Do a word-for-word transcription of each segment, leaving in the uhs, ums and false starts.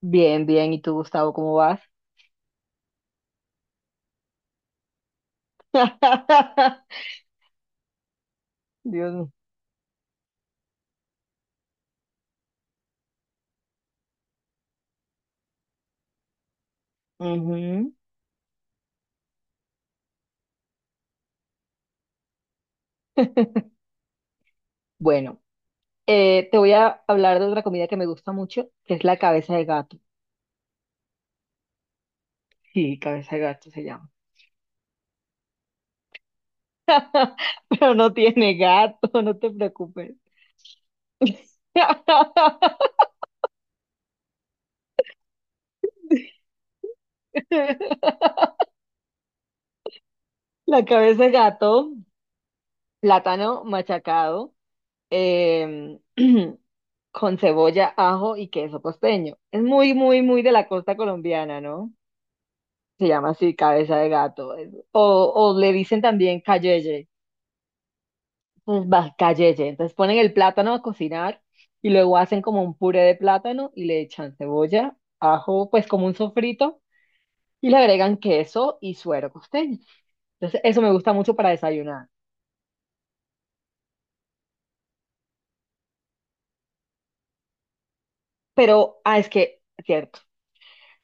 Bien, bien. ¿Y tú, Gustavo, cómo vas? Dios mío. Ujú. Bueno, eh, te voy a hablar de otra comida que me gusta mucho, que es la cabeza de gato. Sí, cabeza de gato se llama. Pero no tiene gato, no te preocupes. La cabeza de gato, plátano machacado, em, con cebolla, ajo y queso costeño. Es muy, muy, muy de la costa colombiana, ¿no? Se llama así, cabeza de gato. es- O, o le dicen también cayeye. Entonces va cayeye. Entonces ponen el plátano a cocinar y luego hacen como un puré de plátano y le echan cebolla, ajo, pues como un sofrito y le agregan queso y suero costeño. Entonces eso me gusta mucho para desayunar. Pero, ah, es que, cierto.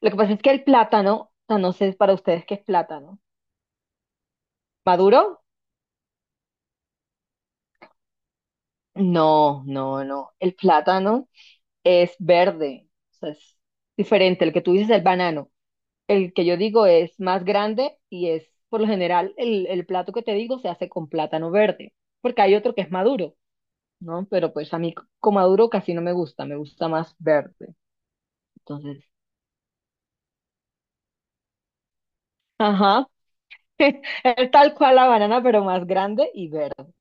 Lo que pasa es que el plátano, ah, no sé para ustedes qué es plátano. ¿Maduro? No, no, no. El plátano es verde. O sea, es diferente. El que tú dices es el banano. El que yo digo es más grande y es, por lo general, el, el plato que te digo se hace con plátano verde, porque hay otro que es maduro, ¿no? Pero pues a mí c- con maduro casi no me gusta, me gusta más verde. Entonces, ajá, es tal cual la banana, pero más grande y verde,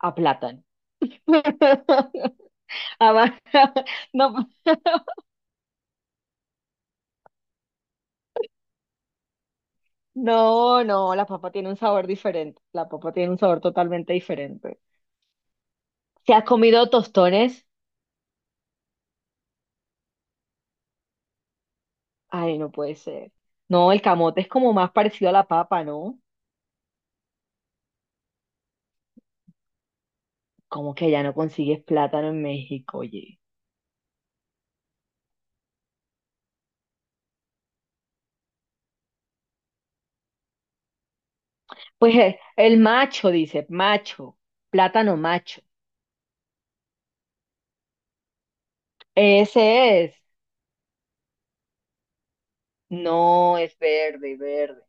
a plátano. Ama- No, no, no, la papa tiene un sabor diferente, la papa tiene un sabor totalmente diferente. ¿Se ha comido tostones? Ay, no puede ser. No, el camote es como más parecido a la papa, ¿no? Como que ya no consigues plátano en México, oye. Pues eh, el macho, dice, macho, plátano macho. Ese es. No, es verde, verde.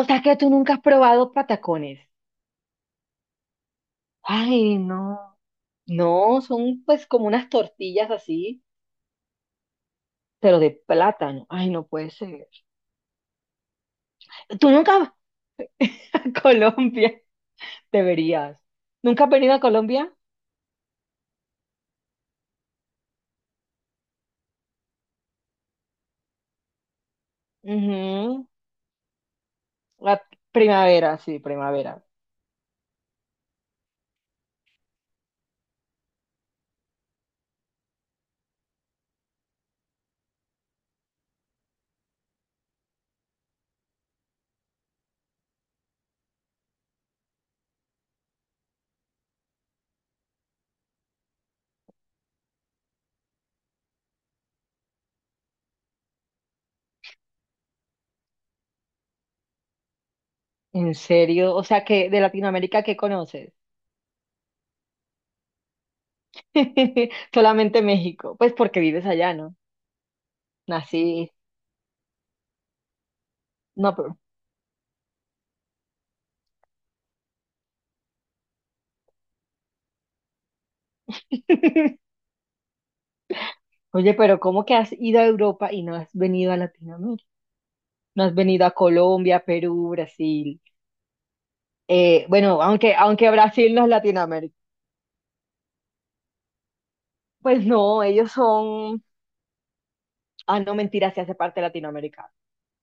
O sea que tú nunca has probado patacones. Ay, no. No, son pues como unas tortillas así, pero de plátano. Ay, no puede ser. Tú nunca vas a Colombia. Deberías. ¿Nunca has venido a Colombia? Ujú. La primavera, sí, primavera. ¿En serio? O sea, que de Latinoamérica, ¿qué conoces? Solamente México. Pues porque vives allá, ¿no? Nací. No, pero. Oye, pero ¿cómo que has ido a Europa y no has venido a Latinoamérica? No has venido a Colombia, Perú, Brasil. Eh, bueno, aunque, aunque Brasil no es Latinoamérica. Pues no, ellos son. Ah, no, mentira, sí hace parte de Latinoamérica.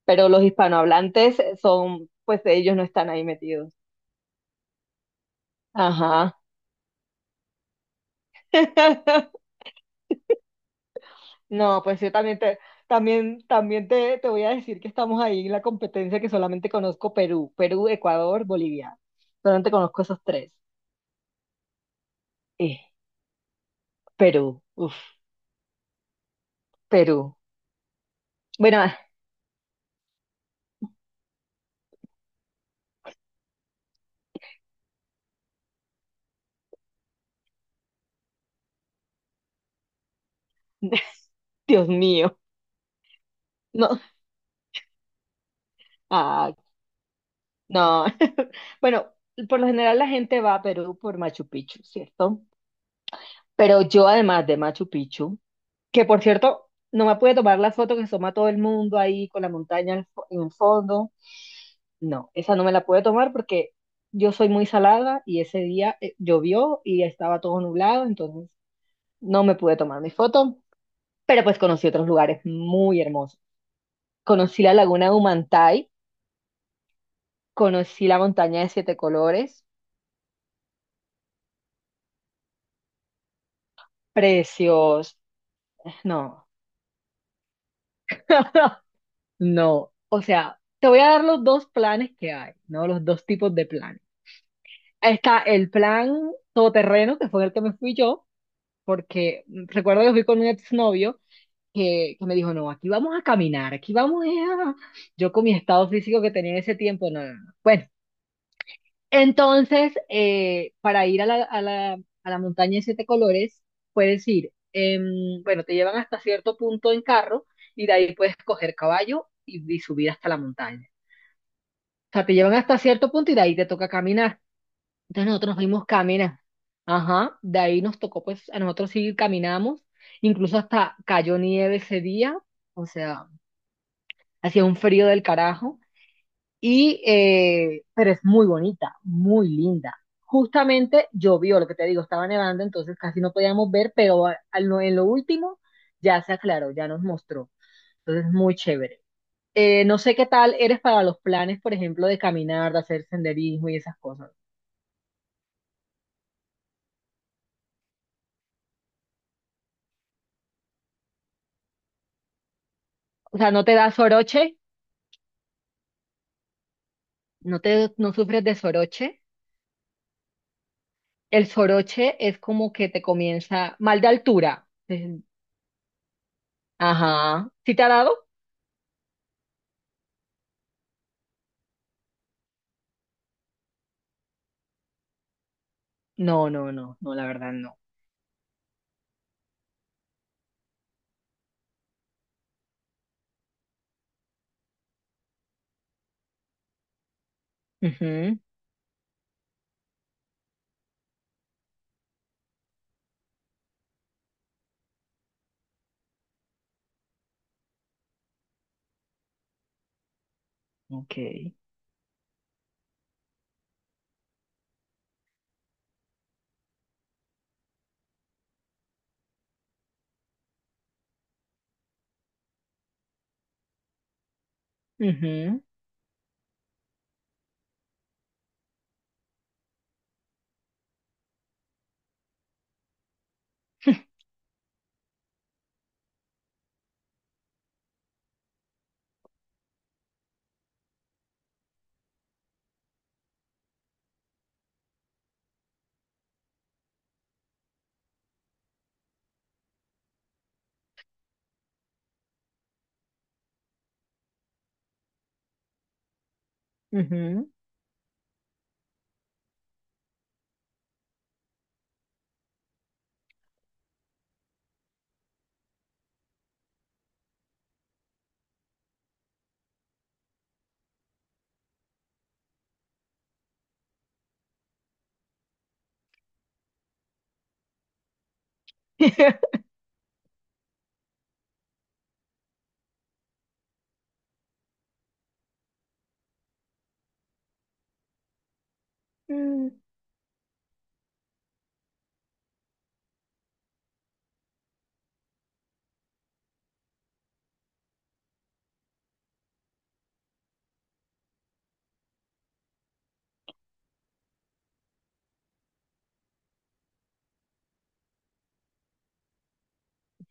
Pero los hispanohablantes son, pues ellos no están ahí metidos. Ajá. No, pues yo también te, también, también te, te voy a decir que estamos ahí en la competencia que solamente conozco Perú, Perú, Ecuador, Bolivia. Solamente conozco esos tres. Eh, Perú, uf, Perú. Bueno, ah, Dios mío. No, ah, no. Bueno, por lo general la gente va a Perú por Machu Picchu, ¿cierto? Pero yo además de Machu Picchu, que por cierto, no me pude tomar la foto que se toma todo el mundo ahí con la montaña al fo- en el fondo. No, esa no me la pude tomar porque yo soy muy salada y ese día eh, llovió y estaba todo nublado, entonces no me pude tomar mi foto, pero pues conocí otros lugares muy hermosos. Conocí la laguna de Humantay, conocí la montaña de siete colores, precios, no, no, o sea, te voy a dar los dos planes que hay, ¿no? Los dos tipos de planes. Está el plan todoterreno, que fue el que me fui yo, porque recuerdo que fui con un exnovio que, que me dijo, no, aquí vamos a caminar, aquí vamos eh, a... Yo con mi estado físico que tenía en ese tiempo, no, no, no. Bueno, entonces, eh, para ir a la, a la, a la montaña de siete colores, puedes ir, em, bueno, te llevan hasta cierto punto en carro y de ahí puedes coger caballo y, y subir hasta la montaña. O sea, te llevan hasta cierto punto y de ahí te toca caminar. Entonces nosotros nos fuimos caminar. Ajá, de ahí nos tocó, pues, a nosotros sí caminamos, incluso hasta cayó nieve ese día. O sea, hacía un frío del carajo, y, eh, pero es muy bonita, muy linda. Justamente llovió, lo que te digo, estaba nevando, entonces casi no podíamos ver, pero a- a lo- en lo último ya se aclaró, ya nos mostró. Entonces, muy chévere. Eh, no sé qué tal eres para los planes, por ejemplo, de caminar, de hacer senderismo y esas cosas. O sea, ¿no te da soroche? ¿No te, no sufres de soroche? El soroche es como que te comienza mal de altura. Es- Ajá. ¿Sí te ha dado? No, no, no, no, la verdad no. Ujú, ok. Ujú, ujú. Mm,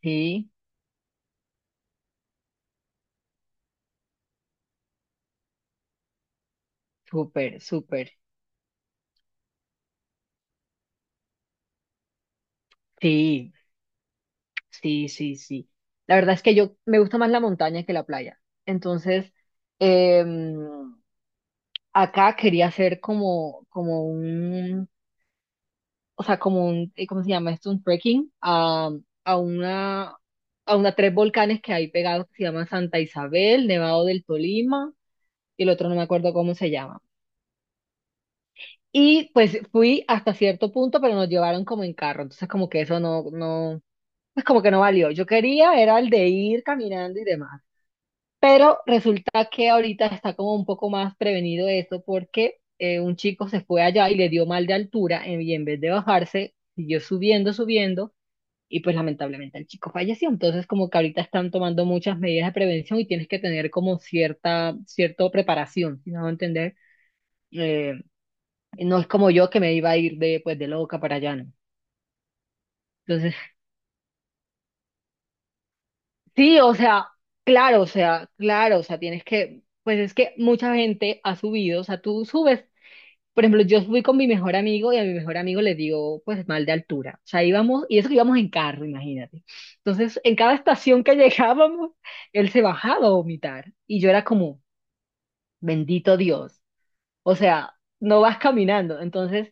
sí, súper, súper. Sí, sí, sí, sí. La verdad es que yo me gusta más la montaña que la playa. Entonces, em, acá quería hacer como, como un, o sea, como un, eh, ¿cómo se llama esto? Un trekking a, a una, a una tres volcanes que hay pegados que se llaman Santa Isabel, Nevado del Tolima y el otro no me acuerdo cómo se llama. Y pues fui hasta cierto punto, pero nos llevaron como en carro, entonces como que eso no, no, pues como que no valió. Yo quería era el de ir caminando y demás, pero resulta que ahorita está como un poco más prevenido eso porque eh, un chico se fue allá y le dio mal de altura en- y en vez de bajarse, siguió subiendo, subiendo y pues lamentablemente el chico falleció. Entonces como que ahorita están tomando muchas medidas de prevención y tienes que tener como cierta, cierta preparación, si no entender. Eh, no es como yo que me iba a ir de, pues, de loca para allá, ¿no? Entonces, sí, o sea, claro, o sea, claro, o sea, tienes que, pues es que mucha gente ha subido, o sea, tú subes, por ejemplo, yo subí con mi mejor amigo y a mi mejor amigo le digo, pues, mal de altura, o sea, íbamos, y eso que íbamos en carro, imagínate. Entonces, en cada estación que llegábamos, él se bajaba a vomitar y yo era como, bendito Dios, o sea, no vas caminando, entonces.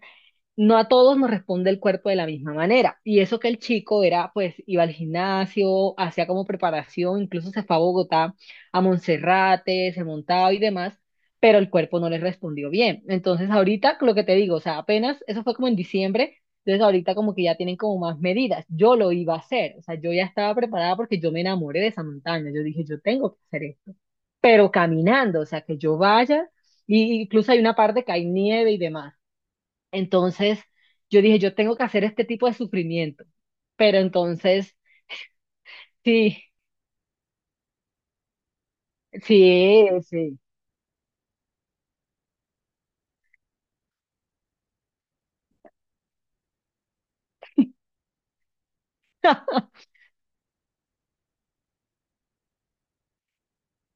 No a todos nos responde el cuerpo de la misma manera. Y eso que el chico era, pues, iba al gimnasio, hacía como preparación, incluso se fue a Bogotá, a Monserrate, se montaba y demás, pero el cuerpo no le respondió bien. Entonces, ahorita, lo que te digo, o sea, apenas, eso fue como en diciembre, entonces ahorita como que ya tienen como más medidas. Yo lo iba a hacer, o sea, yo ya estaba preparada porque yo me enamoré de esa montaña, yo dije, yo tengo que hacer esto, pero caminando, o sea, que yo vaya, y incluso hay una parte que hay nieve y demás. Entonces, yo dije, yo tengo que hacer este tipo de sufrimiento. Pero entonces, sí, sí, sí.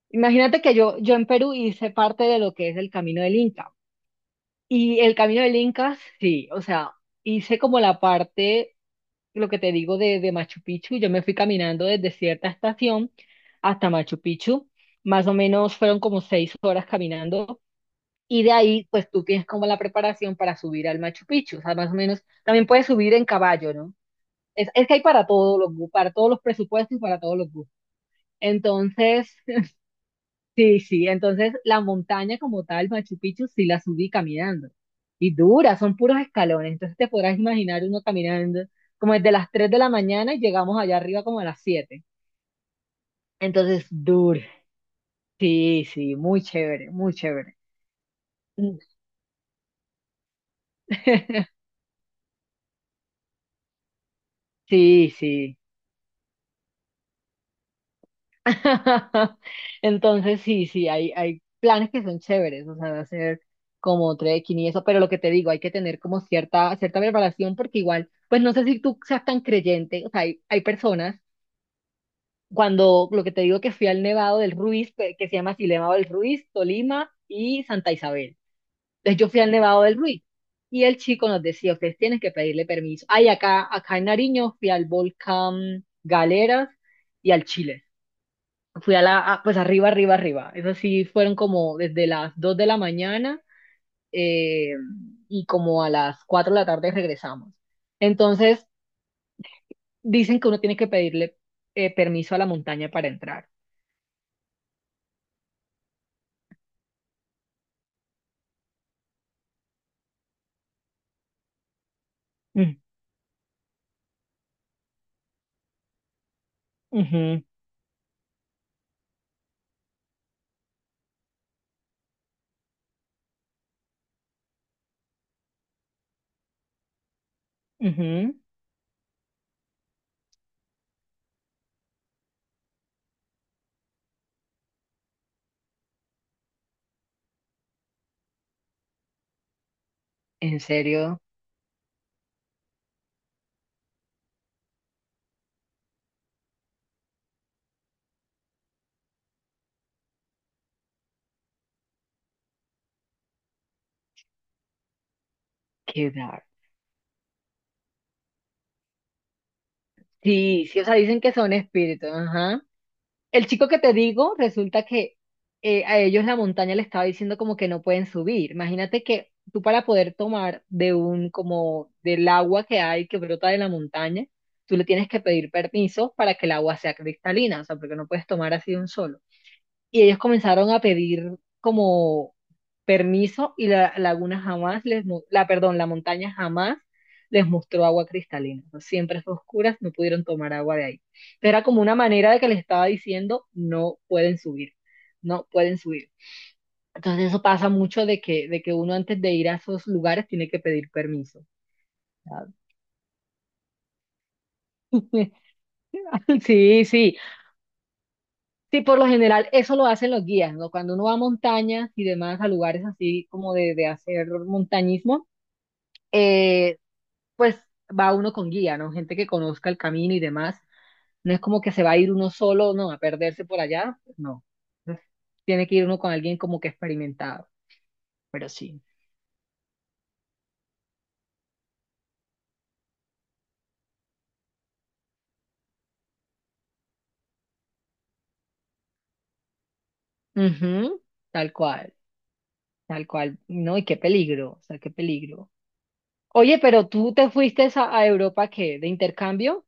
Imagínate que yo, yo en Perú hice parte de lo que es el Camino del Inca. Y el Camino del Inca, sí, o sea, hice como la parte, lo que te digo de, de, Machu Picchu. Yo me fui caminando desde cierta estación hasta Machu Picchu. Más o menos fueron como seis horas caminando. Y de ahí, pues tú tienes como la preparación para subir al Machu Picchu. O sea, más o menos, también puedes subir en caballo, ¿no? Es, es que hay para todos los gu- para todos los presupuestos y para todos los gustos. Entonces, sí, sí, entonces la montaña como tal, Machu Picchu, sí la subí caminando. Y dura, son puros escalones. Entonces te podrás imaginar uno caminando como desde las tres de la mañana y llegamos allá arriba como a las siete. Entonces, dura. Sí, sí, muy chévere, muy chévere. Sí, sí. Entonces, sí, sí, hay, hay planes que son chéveres, o sea, de hacer como trekking y eso, pero lo que te digo, hay que tener como cierta, cierta preparación porque igual, pues no sé si tú seas tan creyente, o sea, hay, hay personas, cuando lo que te digo que fui al Nevado del Ruiz, pe- que se llama así, Nevado del Ruiz, Tolima y Santa Isabel. Entonces yo fui al Nevado del Ruiz y el chico nos decía, ustedes tienen que pedirle permiso. Ay, acá, acá en Nariño fui al volcán Galeras y al Chiles fui a la, a- pues arriba, arriba, arriba. Eso sí, fueron como desde las dos de la mañana eh, y como a las cuatro de la tarde regresamos. Entonces, dicen que uno tiene que pedirle eh, permiso a la montaña para entrar. Mm, ujú, ujú. En serio, qué dar. Sí, sí, o sea, dicen que son espíritus, ajá. El chico que te digo, resulta que eh, a ellos la montaña le estaba diciendo como que no pueden subir. Imagínate que tú para poder tomar de un, como del agua que hay, que brota de la montaña, tú le tienes que pedir permiso para que el agua sea cristalina, o sea, porque no puedes tomar así de un solo y ellos comenzaron a pedir como permiso y la laguna jamás les, mu- la, perdón, la montaña jamás les mostró agua cristalina. O sea, siempre fue oscuras, no pudieron tomar agua de ahí. Pero era como una manera de que les estaba diciendo, no pueden subir, no pueden subir. Entonces eso pasa mucho de que, de que uno antes de ir a esos lugares tiene que pedir permiso. ¿Sabes? Sí, sí. Sí, por lo general eso lo hacen los guías, ¿no? Cuando uno va a montañas y demás, a lugares así como de, de hacer montañismo, eh, pues va uno con guía, ¿no? Gente que conozca el camino y demás. No es como que se va a ir uno solo, no, a perderse por allá, pues no. Entonces, tiene que ir uno con alguien como que experimentado, pero sí. Ujú, tal cual, tal cual. No, y qué peligro, o sea, qué peligro. Oye, pero tú te fuiste a, a Europa, ¿qué? ¿De intercambio?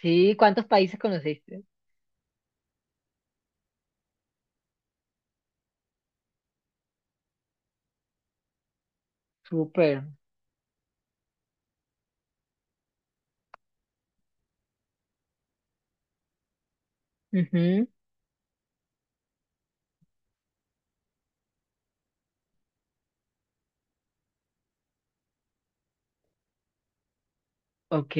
Sí, ¿cuántos países conociste? Súper. Ujú, ok,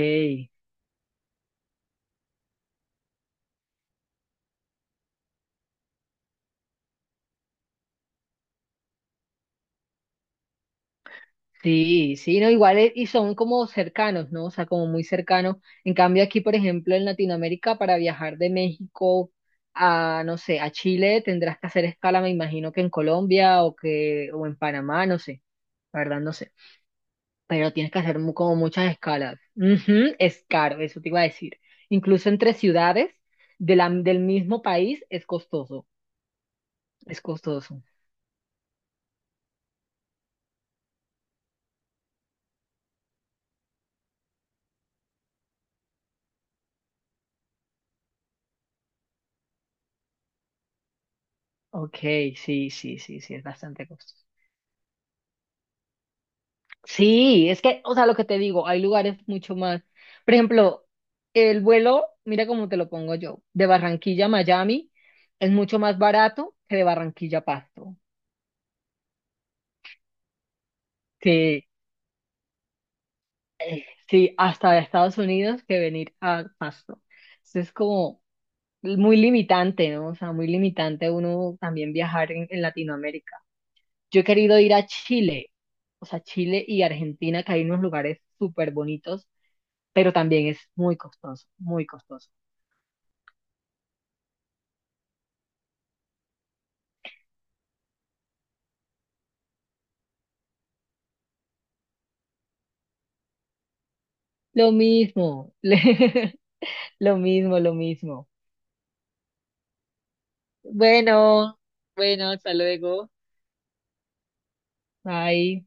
sí, sí, no, igual e- y son como cercanos, ¿no? O sea, como muy cercanos. En cambio aquí, por ejemplo, en Latinoamérica, para viajar de México a, no sé, a Chile, tendrás que hacer escala, me imagino que en Colombia o que, o en Panamá, no sé, la verdad no sé. Pero tienes que hacer mu- como muchas escalas. Ujú, es caro, eso te iba a decir. Incluso entre ciudades de la- del mismo país es costoso, es costoso. Ok, sí, sí, sí, sí, es bastante costoso. Sí, es que, o sea, lo que te digo, hay lugares mucho más. Por ejemplo, el vuelo, mira cómo te lo pongo yo, de Barranquilla a Miami es mucho más barato que de Barranquilla a Pasto, que eh, sí, hasta de Estados Unidos que venir a Pasto. Entonces es como muy limitante, ¿no? O sea, muy limitante uno también viajar en, en Latinoamérica. Yo he querido ir a Chile, o sea, Chile y Argentina, que hay unos lugares súper bonitos, pero también es muy costoso, muy costoso. Lo mismo, lo mismo, lo mismo. Bueno, bueno, hasta luego. Bye.